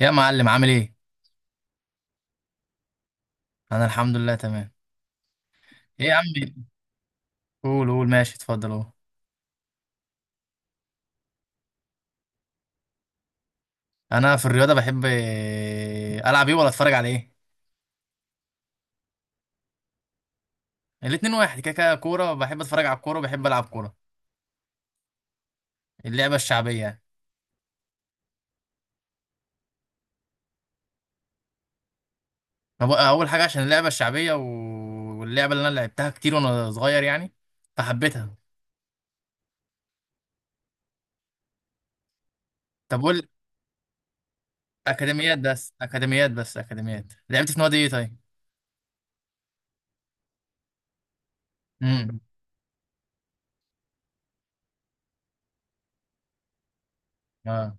يا معلم، عامل ايه؟ انا الحمد لله، تمام. ايه يا عم؟ قول قول، ماشي، اتفضل اهو. انا في الرياضه بحب إيه، العب ايه ولا اتفرج على ايه؟ الاتنين واحد، كده كده كوره. بحب اتفرج على الكوره وبحب العب كوره، اللعبه الشعبيه يعني. اول حاجه عشان اللعبه الشعبيه واللعبه اللي انا لعبتها كتير وانا صغير يعني، فحبيتها. طب قول، اكاديميات بس اكاديميات. لعبت في نادي ايه طيب؟ امم. اه،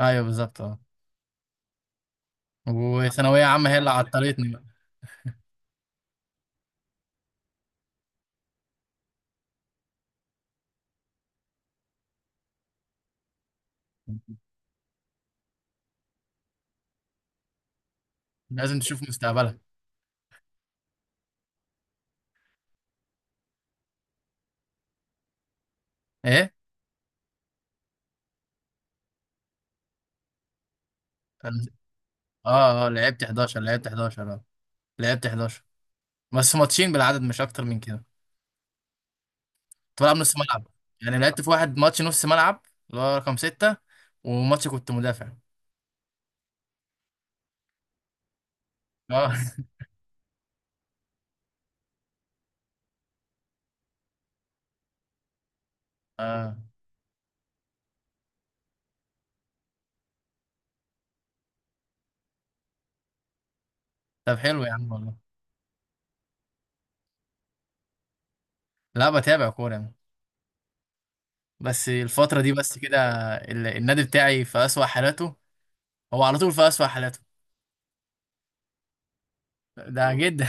ايوه بالظبط، اه. وثانويه عامه هي اللي عطلتني بقى. لازم تشوف مستقبلها. ايه، اه اه، لعبت 11، لعبت 11، اه، لعبت 11، بس ماتشين بالعدد، مش اكتر من كده. كنت بلعب نص ملعب. يعني لعبت في واحد ماتش نص ملعب، اللي هو رقم ستة، وماتش كنت مدافع، اه. اه، طب حلو يا عم والله. لا، بتابع كورة يعني، بس الفترة دي بس كده. النادي بتاعي في أسوأ حالاته، هو على طول في أسوأ حالاته، ده جدا.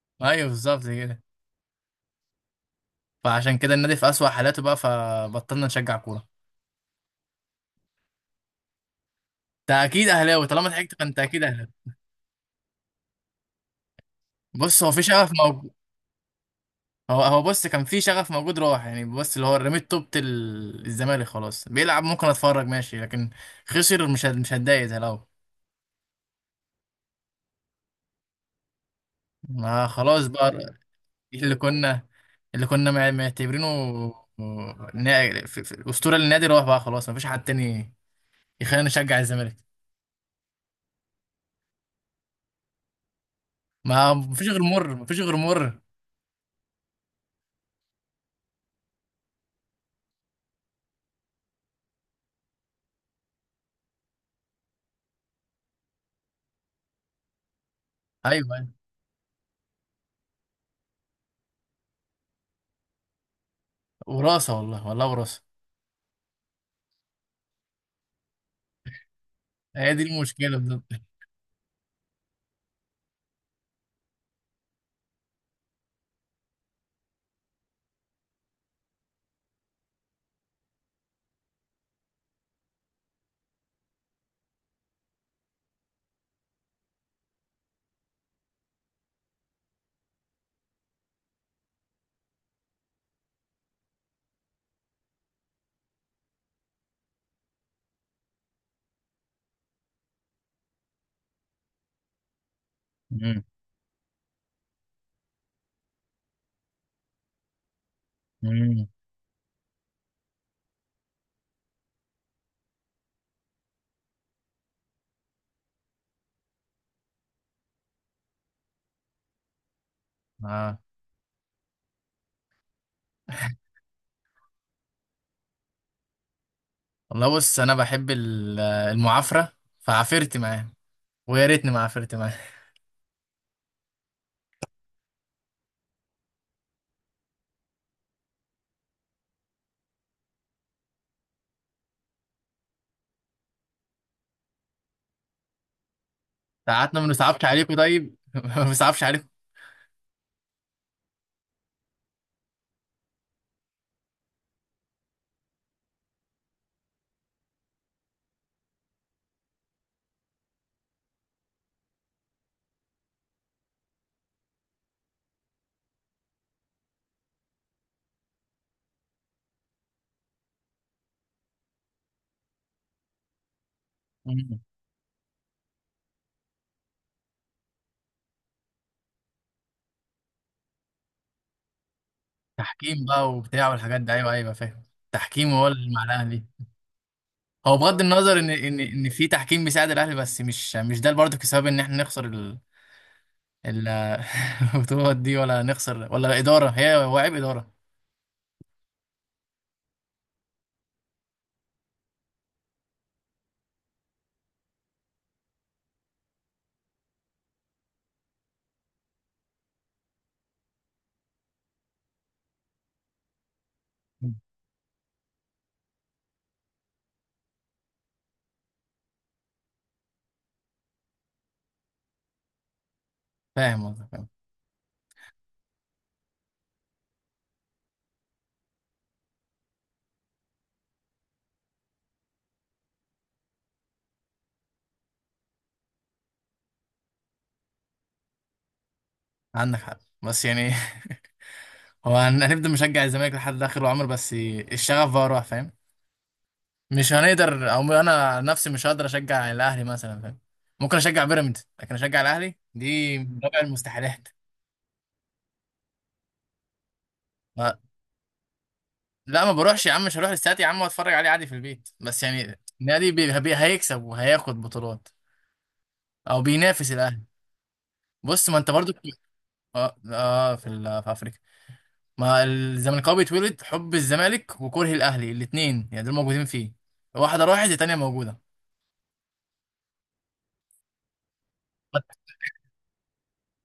ايوه، بالظبط كده. فعشان كده النادي في أسوأ حالاته بقى، فبطلنا نشجع كورة. انت اكيد اهلاوي، طالما ضحكت فانت اكيد اهلاوي. بص، هو في شغف موجود. هو بص كان في شغف موجود راح يعني. بص، اللي هو رميت توبة الزمالك. خلاص، بيلعب ممكن اتفرج ماشي، لكن خسر مش هتضايق زي الاول. ما خلاص بقى. اللي كنا اللي كنا معتبرينه اسطوره للنادي، راح بقى خلاص، ما فيش حد تاني يخلينا نشجع الزمالك. ما فيش غير مر، ما فيش غير مر. ايوه، أيوة. وراثه والله، والله وراثه. هي دي المشكله بالظبط. مم. مم. اه. والله بص، انا بحب المعافره، فعافرت معاه، ويا ريتني ما عفرت معاه. ساعاتنا ما بنصعبش عليكم طيب، ما بنصعبش عليكم. مم. تحكيم بقى وبتاع والحاجات دي، ايوه ايوه فاهم. تحكيم هو اللي مع الاهلي. هو بغض النظر ان في تحكيم بيساعد الاهلي، بس مش ده برضه السبب ان احنا نخسر ال- البطولات دي، ولا نخسر ولا اداره، هو عيب اداره. مم. فاهم قصدك، فاهم. عندك حق، بس يعني هو هنفضل مشجع الزمالك لحد اخر العمر، بس الشغف بقى راح، فاهم. مش هنقدر، او انا نفسي مش هقدر اشجع الاهلي مثلا، فاهم. ممكن اشجع بيراميدز، لكن اشجع الاهلي دي من رابع المستحيلات. ما لا، ما بروحش يا عم، مش هروح الاستاد يا عم واتفرج عليه عادي في البيت. بس يعني النادي هيكسب وهياخد بطولات، او بينافس الاهلي. بص، ما انت برضو. اه، آه في في افريقيا. ما الزملكاوي بيتولد حب الزمالك وكره الاهلي الاثنين، يعني دول موجودين فيه، واحده راحت الثانيه موجوده.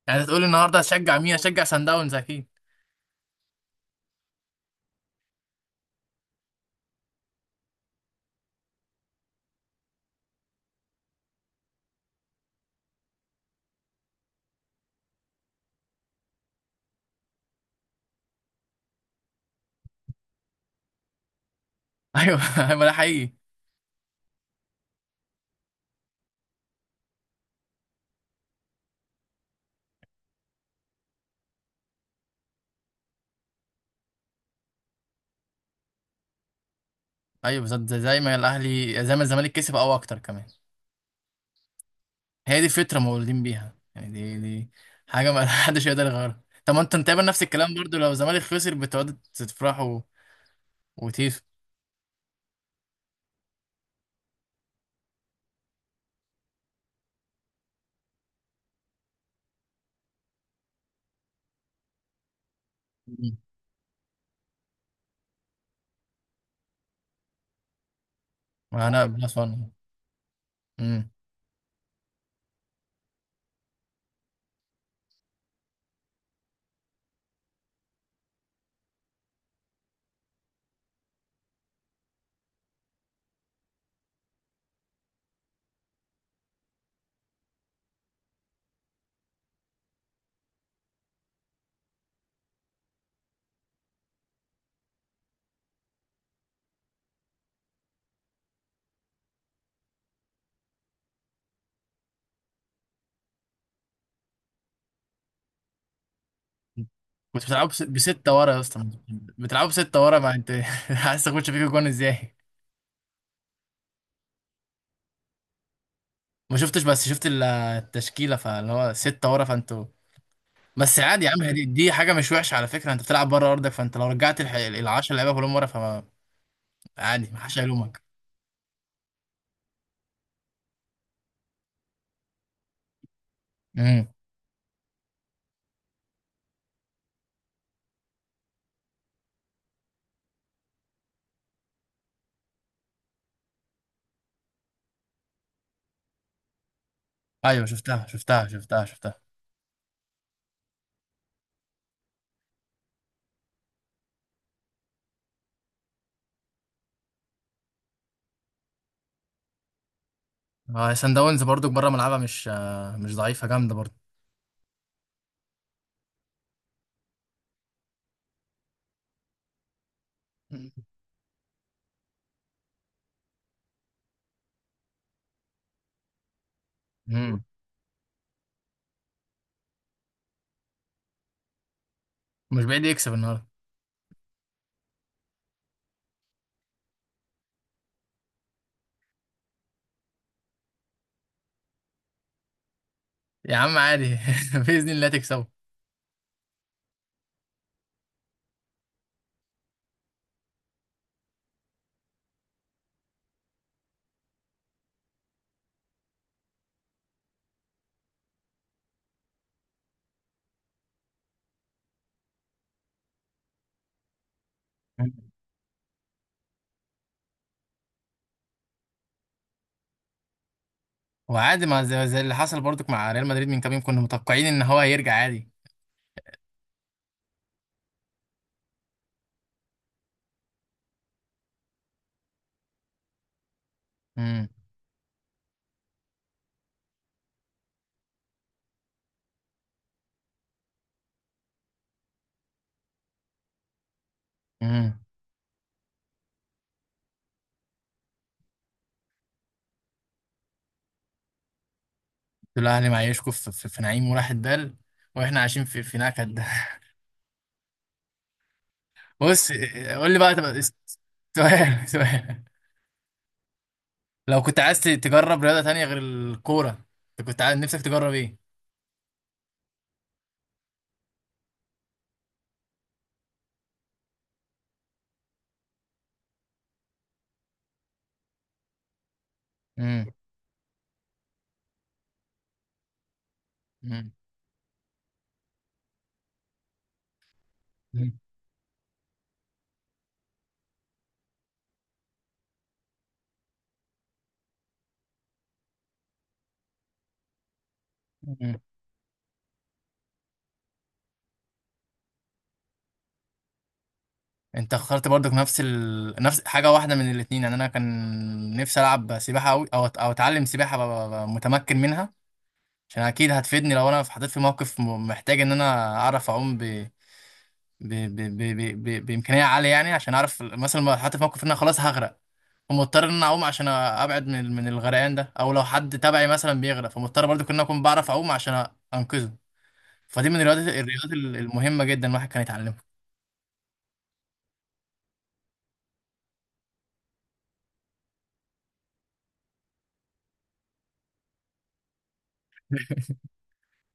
يعني تقول النهارده هشجع مين؟ هشجع سان داونز اكيد. ايوه، ما ده حقيقي. ايوه بالظبط، زي ما الاهلي، زي ما الزمالك كسب او اكتر كمان. هي دي الفكره، مولودين بيها يعني. دي حاجه ما حدش يقدر يغيرها. طب ما انتوا تقريبا نفس الكلام برضو، لو الزمالك خسر بتقعدوا تفرحوا وتيف. مم. ما انا بلس وان. امم كنتوا بتلعبوا بستة ورا يا اسطى. بتلعبوا بستة ورا، ما انت عايز تخش فيكوا جون ازاي؟ ما شفتش، بس شفت التشكيله، فاللي هو ستة ورا فانتوا. بس عادي يا عم، دي حاجه مش وحشه على فكره. انت بتلعب بره ارضك، فانت لو رجعت ال 10 لعيبه كلهم ورا فما عادي، ما حدش هيلومك. امم. ايوه شفتها شفتها شفتها شفتها. آه، سان داونز برضو بره ملعبها مش ضعيفه، جامده برضو. امم مش بعيد يكسب النهارده. يا عم عادي، باذن الله تكسبه. مم. وعادي، ما زي اللي حصل برضو مع ريال مدريد من كام يوم، كنا متوقعين ان هو هيرجع عادي. امم امم الاهلي معيشكم في نعيم وراحة دال، واحنا عايشين في نكد. بص، قول لي بقى تبقى، سؤال سؤال. لو كنت عايز تجرب رياضه تانية غير الكوره، انت كنت عايز نفسك تجرب ايه؟ امم. مم. مم. انت اخترت برضك نفس نفس حاجه واحده من الاثنين يعني. انا كان نفسي العب سباحه قوي، او او اتعلم سباحه، ابقى ابقى متمكن منها، عشان اكيد هتفيدني لو انا اتحطيت في موقف محتاج ان انا اعرف اعوم ب... بامكانيه عاليه يعني. عشان اعرف مثلا لو اتحطيت في موقف ان انا خلاص هغرق، فمضطر ان انا اعوم عشان ابعد من من الغرقان ده، او لو حد تبعي مثلا بيغرق، فمضطر برضو ان انا اكون بعرف اعوم عشان انقذه. فدي من الرياضات، الرياضات المهمه جدا الواحد كان يتعلمها.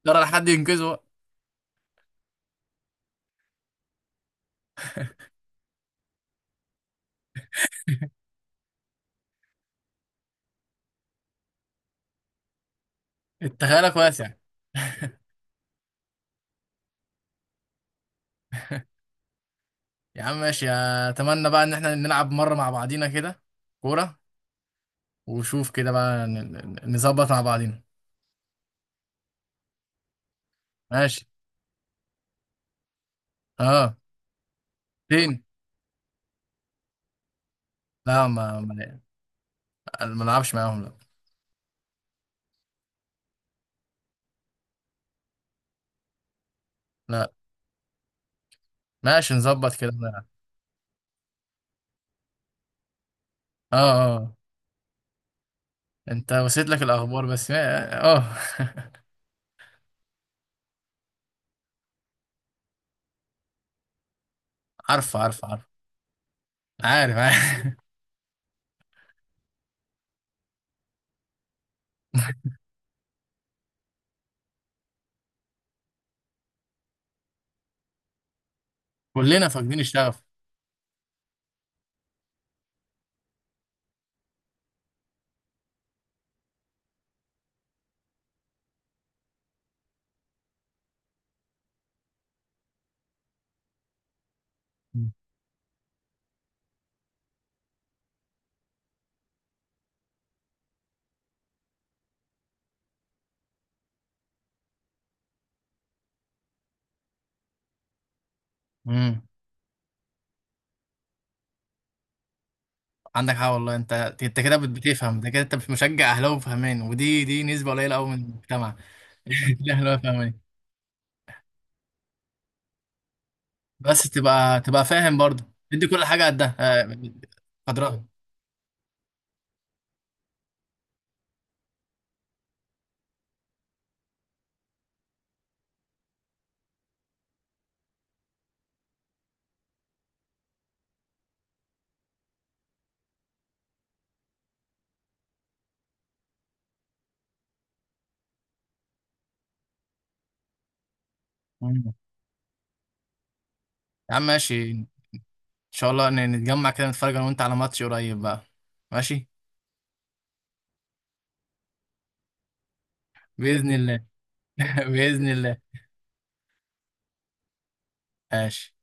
ترى حد ينقذه. انت خيالك واسع. يا عم ماشي، اتمنى بقى ان احنا نلعب مرة مع بعضينا كده كورة، وشوف كده بقى نظبط مع بعضينا. ماشي. اه. فين؟ لا، ما نلعبش معاهم، لا. لا، ماشي، نظبط كده نلعب. اه اه. انت وصلت لك الاخبار بس، اه. عارف عارف عارف عارف عارف. كلنا فاقدين الشغف. امم عندك حق والله. انت كده بتفهم ده كده. انت مشجع اهلاوي فهمان، ودي نسبة قليلة قوي من المجتمع. لا لا. بس تبقى فاهم برضه. ادي كل حاجه قدها، قدرها. مم. يا عم ماشي، ان شاء الله نتجمع كده نتفرج انا وانت على ماتش قريب بقى. ماشي. باذن الله. باذن الله. ماشي.